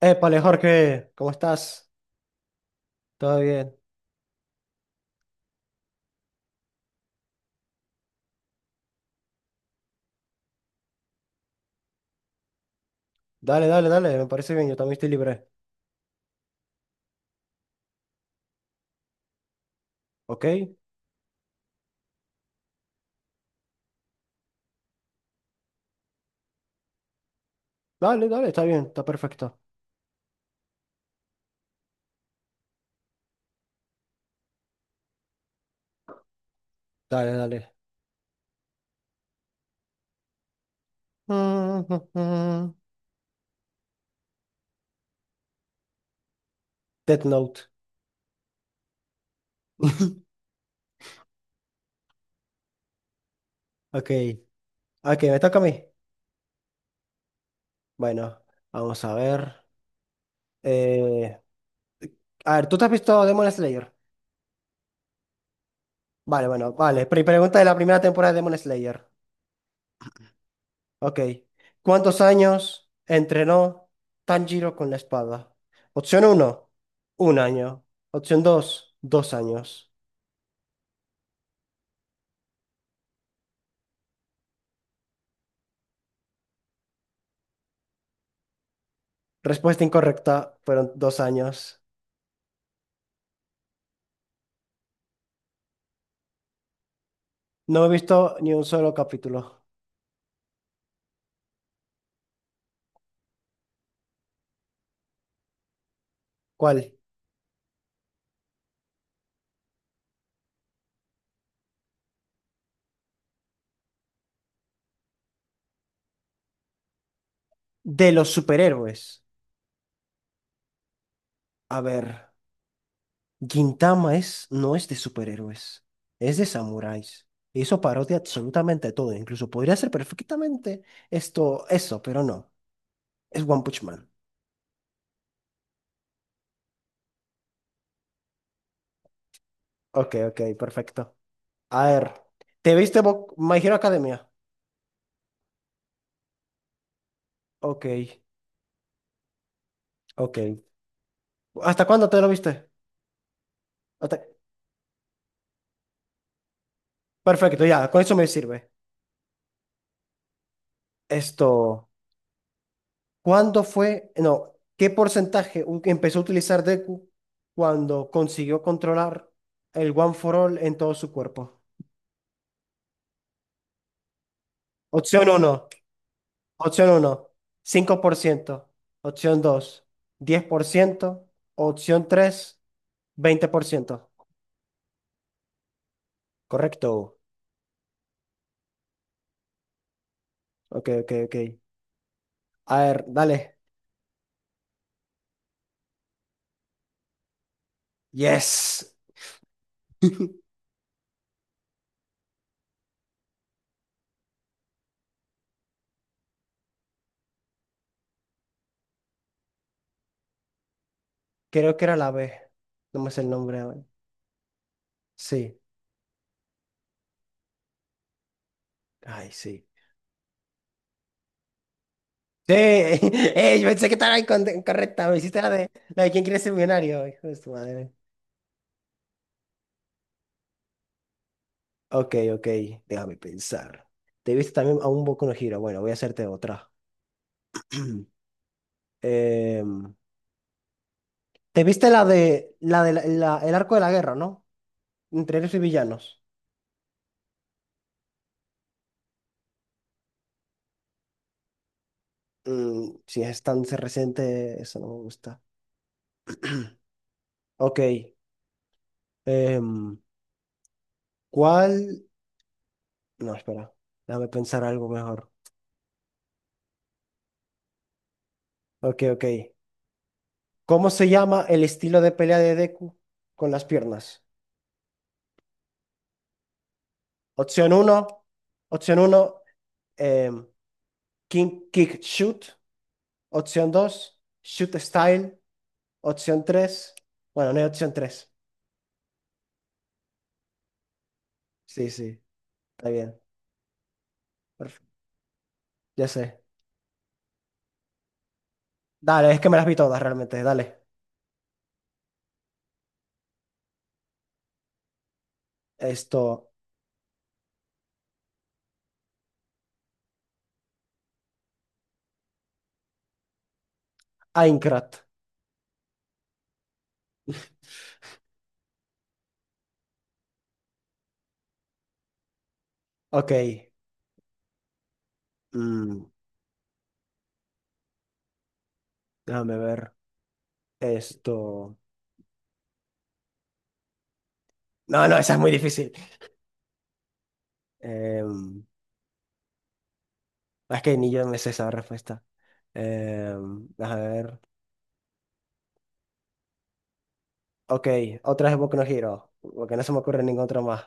Épale, Jorge, ¿cómo estás? ¿Todo bien? Dale, dale, dale, me parece bien, yo también estoy libre. ¿Ok? Dale, dale, está bien, está perfecto. Dale, dale. Death Note. Ok, ok, me toca a mí. Bueno, vamos a ver. Eh, a ver, ¿tú te has visto Demon Slayer? Vale, bueno, vale. Pregunta de la primera temporada de Demon Slayer. Ok. ¿Cuántos años entrenó Tanjiro con la espada? Opción uno, 1 año. Opción 2, 2 años. Respuesta incorrecta, fueron 2 años. No he visto ni un solo capítulo. ¿Cuál? De los superhéroes. A ver, Gintama es, no es de superhéroes, es de samuráis. Hizo parodia absolutamente todo, incluso podría ser perfectamente esto, eso, pero no. Es One Punch Man. Ok, ok, perfecto. A ver, ¿te viste My Hero Academia? Ok, ok. ¿Hasta cuándo te lo viste? Hasta- Perfecto, ya, con eso me sirve. Esto, ¿cuándo fue? No, ¿qué porcentaje empezó a utilizar Deku cuando consiguió controlar el One for All en todo su cuerpo? Opción uno. Opción uno. 5%. Opción dos. 10%. Opción tres. 20%. Correcto. Ok, ok, ok. A ver, dale. Yes. Creo que era la B. No me sé el nombre ahora. Sí. Ay, sí. Sí. Yo pensé que estaba incorrecta. Me hiciste la de quién quiere ser millonario. Hijo de su madre. Ok, ok. Déjame pensar. ¿Te viste también a un Boku no Hero? Bueno, voy a hacerte otra. Em, ¿te viste la de la de la- la- el arco de la guerra, ¿no? Entre héroes y villanos. Si es tan reciente, eso no me gusta. Ok. em, ¿cuál? No, espera. Déjame pensar algo mejor. Ok, ok. ¿Cómo se llama el estilo de pelea de Deku con las piernas? Opción uno, Opción uno, em, King Kick Shoot. Opción 2, Shoot Style. Opción 3, bueno, no hay opción 3. Sí, sí. Está bien. Perfecto. Ya sé. Dale, es que me las vi todas realmente. Dale. Esto. Aincrad. Ok. Mm, déjame ver. Esto. No, no, esa es muy difícil. Em, Es que ni yo me sé esa respuesta. Eh, a ver. Ok, otra es Boku no Hero, porque no se me ocurre ningún otro más.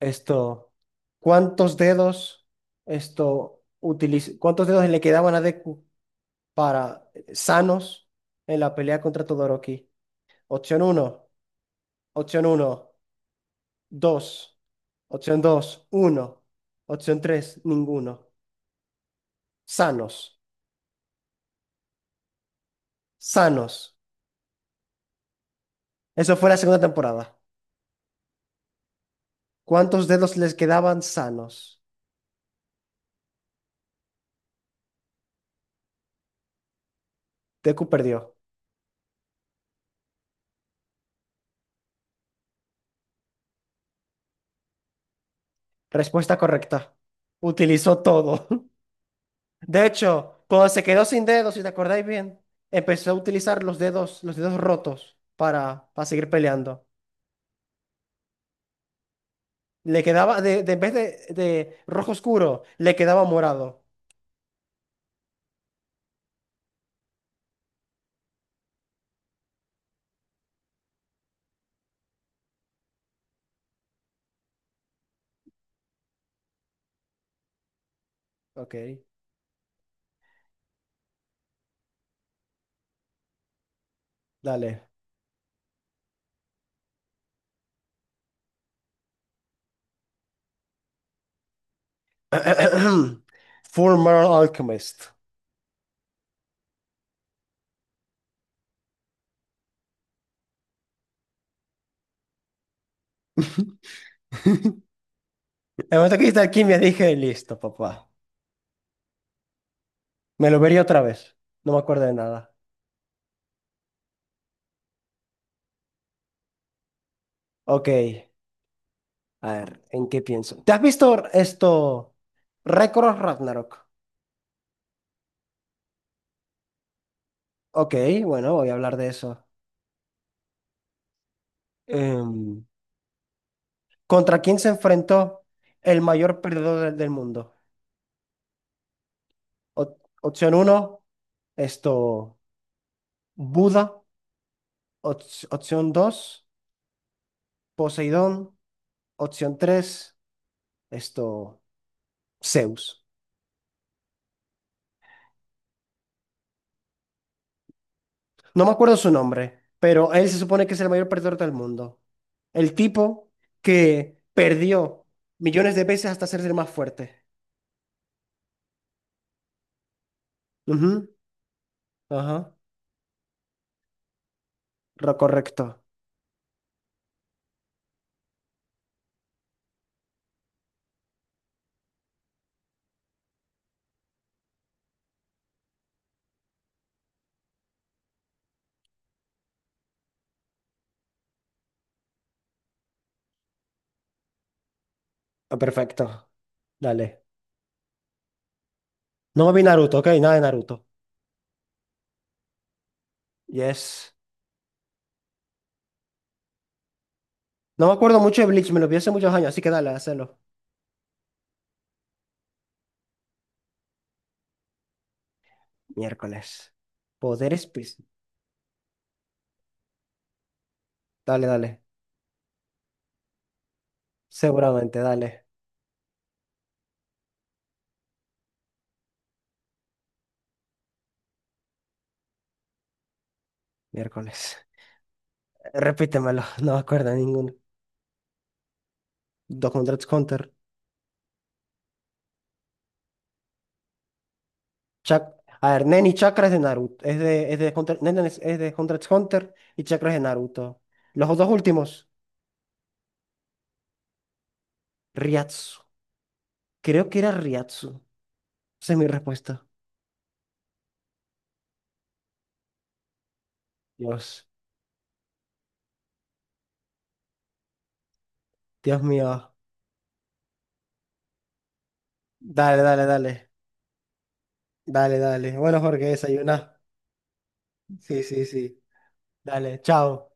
Esto, ¿cuántos dedos cuántos dedos le quedaban a Deku para sanos en la pelea contra Todoroki? Opción uno, opción uno, 2, opción dos, uno, opción 3, ninguno. Sanos, sanos. Eso fue la segunda temporada. ¿Cuántos dedos les quedaban sanos? Deku perdió. Respuesta correcta. Utilizó todo. De hecho, cuando se quedó sin dedos, si te acordáis bien, empezó a utilizar los dedos rotos para seguir peleando. Le quedaba, en vez de rojo oscuro, le quedaba morado. Ok, dale. Full Metal Alchemist. En el momento que hice alquimia dije, listo, papá. Me lo vería otra vez. No me acuerdo de nada. Ok. A ver, ¿en qué pienso? ¿Te has visto esto? Récord Ragnarok. Ok, bueno, voy a hablar de eso. Em, ¿Contra quién se enfrentó el mayor perdedor del mundo? Opción uno, esto, Buda. Op- opción 2, Poseidón. Opción 3, esto, Zeus. No me acuerdo su nombre, pero él se supone que es el mayor perdedor del mundo. El tipo que perdió millones de veces hasta hacerse el más fuerte. Ujú. Ajá. Correcto. Ah, perfecto. Dale. No vi Naruto, ok, nada de Naruto. Yes. No me acuerdo mucho de Bleach, me lo vi hace muchos años, así que dale, hazlo. Miércoles. Poderes pis- Dale, dale. Seguramente, dale. Miércoles. Repítemelo, no me acuerdo de ninguno. Dos Hunter x Hunter. Chac- A ver, Nen y Chakra es de Naruto. Es de Hunter. Nen es de Hunter x Hunter y Chakra es de Naruto. Los dos últimos. Ryatsu. Creo que era Ryatsu. Esa es mi respuesta. Dios, Dios mío. Dale, dale, dale. Dale, dale. Bueno, Jorge, desayuna. Sí, sí, sí. Dale, chao.